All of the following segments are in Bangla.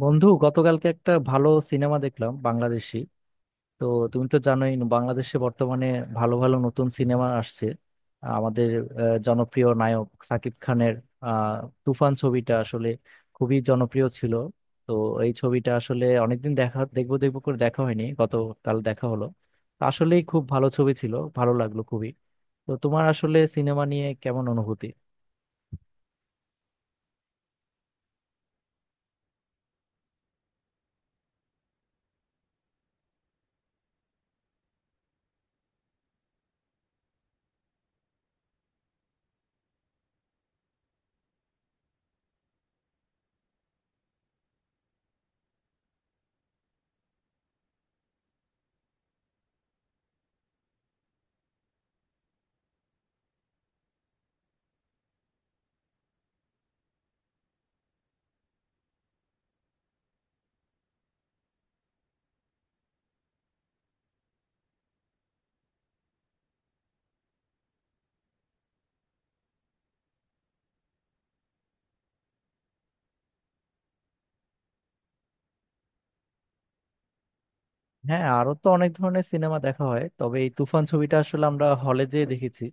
বন্ধু, গতকালকে একটা ভালো সিনেমা দেখলাম, বাংলাদেশি। তো তুমি তো জানোই বাংলাদেশে বর্তমানে ভালো ভালো নতুন সিনেমা আসছে। আমাদের জনপ্রিয় নায়ক সাকিব খানের আহ, তুফান ছবিটা আসলে খুবই জনপ্রিয় ছিল। তো এই ছবিটা আসলে অনেকদিন দেখা, দেখবো দেখবো করে দেখা হয়নি, গতকাল দেখা হলো। তো আসলেই খুব ভালো ছবি ছিল, ভালো লাগলো খুবই। তো তোমার আসলে সিনেমা নিয়ে কেমন অনুভূতি? হ্যাঁ, আরো তো অনেক ধরনের সিনেমা দেখা হয়, তবে এই তুফান ছবিটা আসলে আমরা হলে যেয়ে দেখেছি।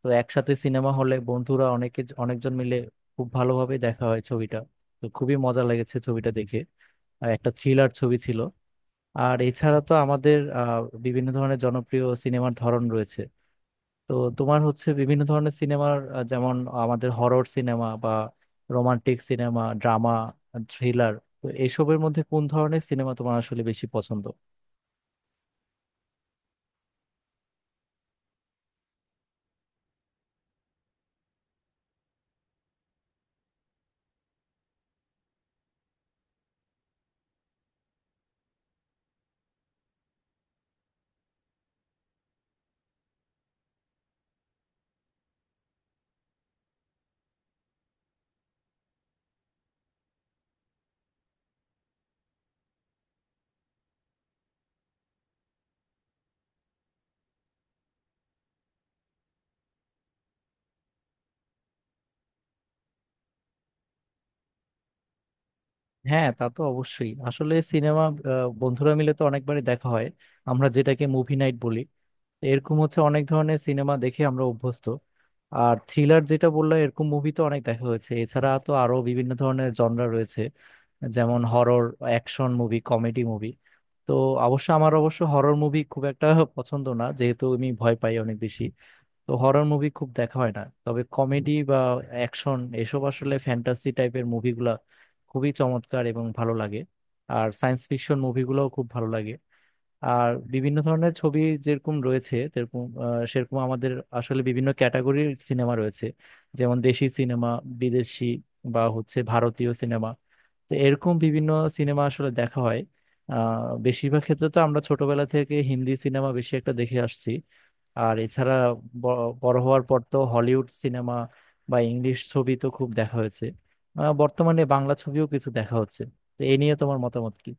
তো একসাথে সিনেমা হলে বন্ধুরা অনেকে অনেকজন মিলে খুব ভালোভাবে দেখা হয় ছবিটা। তো খুবই মজা লেগেছে ছবিটা দেখে। আর একটা থ্রিলার ছবি ছিল। আর এছাড়া তো আমাদের বিভিন্ন ধরনের জনপ্রিয় সিনেমার ধরন রয়েছে। তো তোমার হচ্ছে বিভিন্ন ধরনের সিনেমার, যেমন আমাদের হরর সিনেমা বা রোমান্টিক সিনেমা, ড্রামা, থ্রিলার। তো এসবের মধ্যে কোন ধরনের সিনেমা তোমার আসলে বেশি পছন্দ? হ্যাঁ, তা তো অবশ্যই। আসলে সিনেমা বন্ধুরা মিলে তো অনেকবারই দেখা হয়, আমরা যেটাকে মুভি নাইট বলি। এরকম হচ্ছে অনেক ধরনের সিনেমা দেখে আমরা অভ্যস্ত। আর থ্রিলার যেটা বললাম এরকম মুভি তো অনেক দেখা হয়েছে। এছাড়া তো আরো বিভিন্ন ধরনের জনরা রয়েছে, যেমন horror, action movie, comedy movie. তো অবশ্য আমার অবশ্য হরর মুভি খুব একটা পছন্দ না, যেহেতু আমি ভয় পাই অনেক বেশি। তো হরর মুভি খুব দেখা হয় না, তবে কমেডি বা অ্যাকশন, এসব আসলে ফ্যান্টাসি টাইপের মুভিগুলা খুবই চমৎকার এবং ভালো লাগে। আর সায়েন্স ফিকশন মুভিগুলোও খুব ভালো লাগে। আর বিভিন্ন ধরনের ছবি যেরকম রয়েছে, যেরকম সেরকম আমাদের আসলে বিভিন্ন ক্যাটাগরির সিনেমা রয়েছে। যেমন দেশি সিনেমা, বিদেশি, বা হচ্ছে ভারতীয় সিনেমা। তো এরকম বিভিন্ন সিনেমা আসলে দেখা হয়। বেশিরভাগ ক্ষেত্রে তো আমরা ছোটবেলা থেকে হিন্দি সিনেমা বেশি একটা দেখে আসছি। আর এছাড়া বড় হওয়ার পর তো হলিউড সিনেমা বা ইংলিশ ছবি তো খুব দেখা হয়েছে। বর্তমানে বাংলা ছবিও কিছু দেখা হচ্ছে। তো এ নিয়ে তোমার মতামত কি?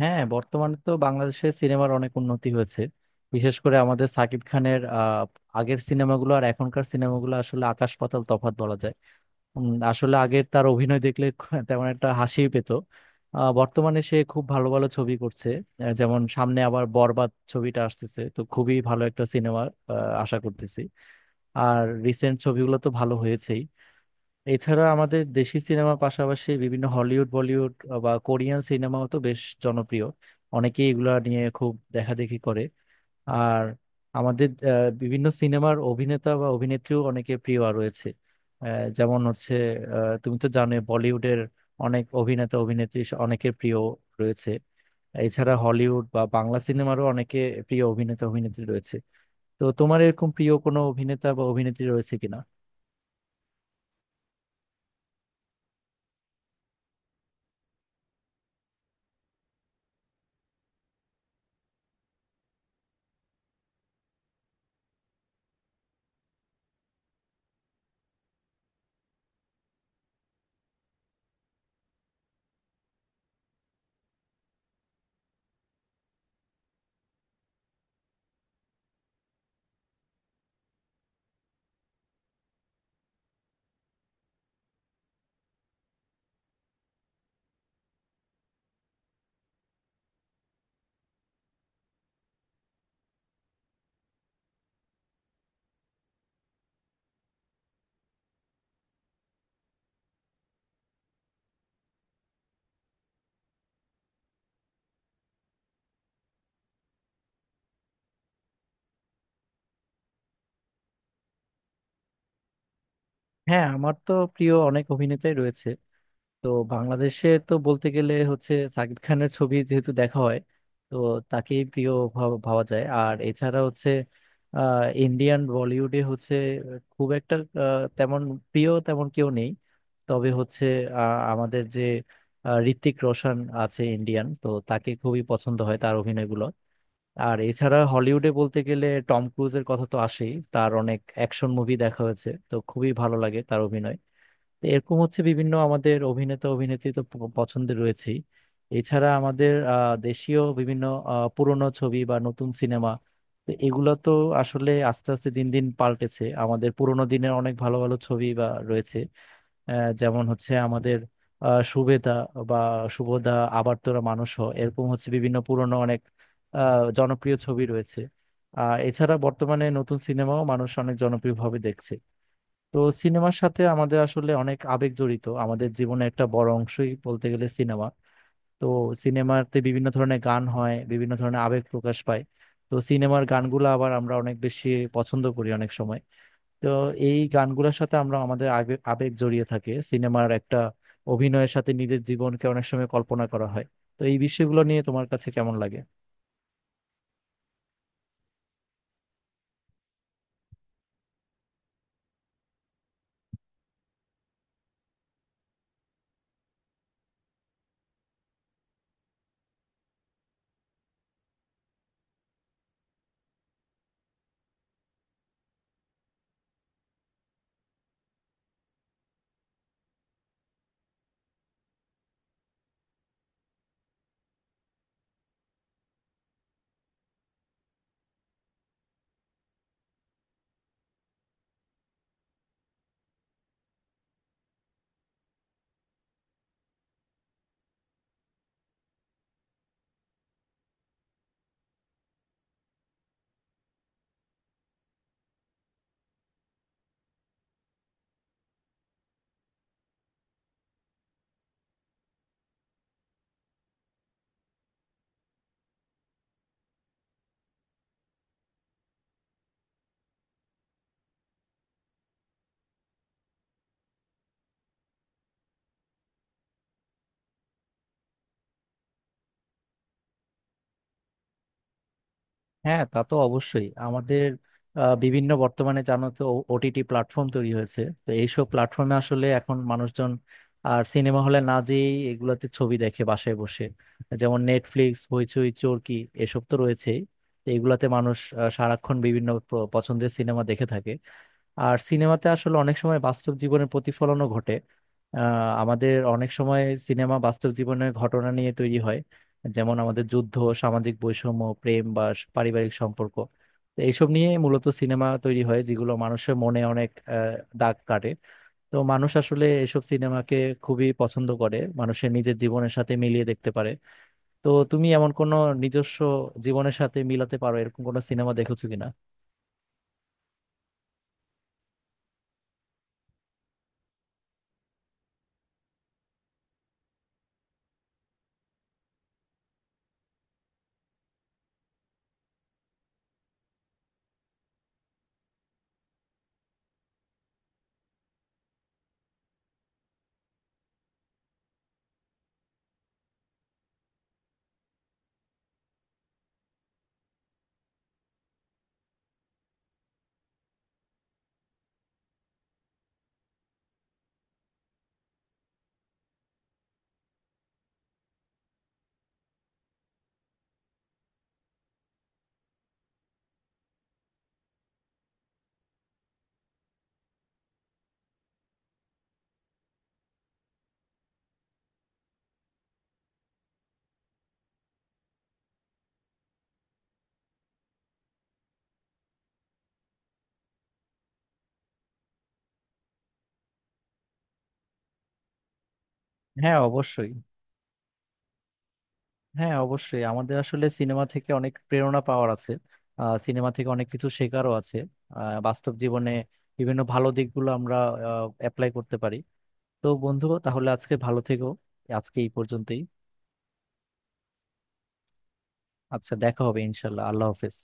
হ্যাঁ, বর্তমানে তো বাংলাদেশের সিনেমার অনেক উন্নতি হয়েছে। বিশেষ করে আমাদের সাকিব খানের আগের সিনেমাগুলো আর এখনকার সিনেমাগুলো আসলে আকাশ পাতাল তফাৎ বলা যায়। আসলে আগে তার অভিনয় দেখলে তেমন একটা হাসি পেত। বর্তমানে সে খুব ভালো ভালো ছবি করছে। যেমন সামনে আবার বরবাদ ছবিটা আসতেছে, তো খুবই ভালো একটা সিনেমা আশা করতেছি। আর রিসেন্ট ছবিগুলো তো ভালো হয়েছেই। এছাড়া আমাদের দেশি সিনেমা পাশাপাশি বিভিন্ন হলিউড, বলিউড বা কোরিয়ান সিনেমাও তো বেশ জনপ্রিয়। অনেকেই এগুলা নিয়ে খুব দেখাদেখি করে। আর আমাদের বিভিন্ন সিনেমার অভিনেতা বা অভিনেত্রীও অনেকে প্রিয় রয়েছে। আহ, যেমন হচ্ছে তুমি তো জানো বলিউডের অনেক অভিনেতা অভিনেত্রী অনেকের প্রিয় রয়েছে। এছাড়া হলিউড বা বাংলা সিনেমারও অনেকে প্রিয় অভিনেতা অভিনেত্রী রয়েছে। তো তোমার এরকম প্রিয় কোনো অভিনেতা বা অভিনেত্রী রয়েছে কিনা? হ্যাঁ, আমার তো প্রিয় অনেক অভিনেতাই রয়েছে। তো বাংলাদেশে তো বলতে গেলে হচ্ছে সাকিব খানের ছবি যেহেতু দেখা হয়, তো তাকেই প্রিয় ভাবা যায়। আর এছাড়া হচ্ছে ইন্ডিয়ান বলিউডে হচ্ছে খুব একটা তেমন প্রিয় তেমন কেউ নেই। তবে হচ্ছে আমাদের যে ঋত্বিক রোশন আছে, ইন্ডিয়ান, তো তাকে খুবই পছন্দ হয় তার অভিনয়গুলো। আর এছাড়া হলিউডে বলতে গেলে টম ক্রুজের কথা তো আসেই, তার অনেক অ্যাকশন মুভি দেখা হয়েছে, তো খুবই ভালো লাগে তার অভিনয়। তো এরকম হচ্ছে বিভিন্ন আমাদের অভিনেতা অভিনেত্রী তো পছন্দের রয়েছেই। এছাড়া আমাদের দেশীয় বিভিন্ন পুরনো ছবি বা নতুন সিনেমা, তো এগুলো তো আসলে আস্তে আস্তে দিন দিন পাল্টেছে। আমাদের পুরোনো দিনের অনেক ভালো ভালো ছবি বা রয়েছে, যেমন হচ্ছে আমাদের সুবেদা বা শুভদা, আবার তোরা মানুষ হ, এরকম হচ্ছে বিভিন্ন পুরনো অনেক জনপ্রিয় ছবি রয়েছে। আর এছাড়া বর্তমানে নতুন সিনেমাও মানুষ অনেক জনপ্রিয়ভাবে দেখছে। তো সিনেমার সাথে আমাদের আসলে অনেক আবেগ জড়িত, আমাদের জীবনে একটা বড় অংশই বলতে গেলে সিনেমা। তো সিনেমাতে বিভিন্ন ধরনের গান হয়, বিভিন্ন ধরনের আবেগ প্রকাশ পায়। তো সিনেমার গানগুলো আবার আমরা অনেক বেশি পছন্দ করি অনেক সময়। তো এই গানগুলোর সাথে আমরা আমাদের আবেগ আবেগ জড়িয়ে থাকে। সিনেমার একটা অভিনয়ের সাথে নিজের জীবনকে অনেক সময় কল্পনা করা হয়। তো এই বিষয়গুলো নিয়ে তোমার কাছে কেমন লাগে? হ্যাঁ, তা তো অবশ্যই। আমাদের বিভিন্ন বর্তমানে জানো তো ওটিটি প্ল্যাটফর্ম তৈরি হয়েছে। তো এইসব প্ল্যাটফর্মে আসলে এখন মানুষজন আর সিনেমা হলে না যেয়েই এগুলাতে ছবি দেখে বাসায় বসে, যেমন নেটফ্লিক্স, হইচই, চরকি, এসব তো রয়েছেই। তো এগুলাতে মানুষ সারাক্ষণ বিভিন্ন পছন্দের সিনেমা দেখে থাকে। আর সিনেমাতে আসলে অনেক সময় বাস্তব জীবনের প্রতিফলনও ঘটে। আহ, আমাদের অনেক সময় সিনেমা বাস্তব জীবনের ঘটনা নিয়ে তৈরি হয়। যেমন আমাদের যুদ্ধ, সামাজিক বৈষম্য, প্রেম বা পারিবারিক সম্পর্ক। তো এইসব নিয়ে মূলত সিনেমা তৈরি হয় যেগুলো মানুষের মনে অনেক দাগ কাটে। তো মানুষ আসলে এসব সিনেমাকে খুবই পছন্দ করে, মানুষের নিজের জীবনের সাথে মিলিয়ে দেখতে পারে। তো তুমি এমন কোনো নিজস্ব জীবনের সাথে মিলাতে পারো এরকম কোনো সিনেমা দেখেছো কিনা? হ্যাঁ অবশ্যই। হ্যাঁ অবশ্যই, আমাদের আসলে সিনেমা থেকে অনেক প্রেরণা পাওয়ার আছে। সিনেমা থেকে অনেক কিছু শেখারও আছে। বাস্তব জীবনে বিভিন্ন ভালো দিকগুলো আমরা অ্যাপ্লাই করতে পারি। তো বন্ধু, তাহলে আজকে ভালো থেকো। আজকে এই পর্যন্তই। আচ্ছা, দেখা হবে ইনশাল্লাহ, আল্লাহ হাফেজ।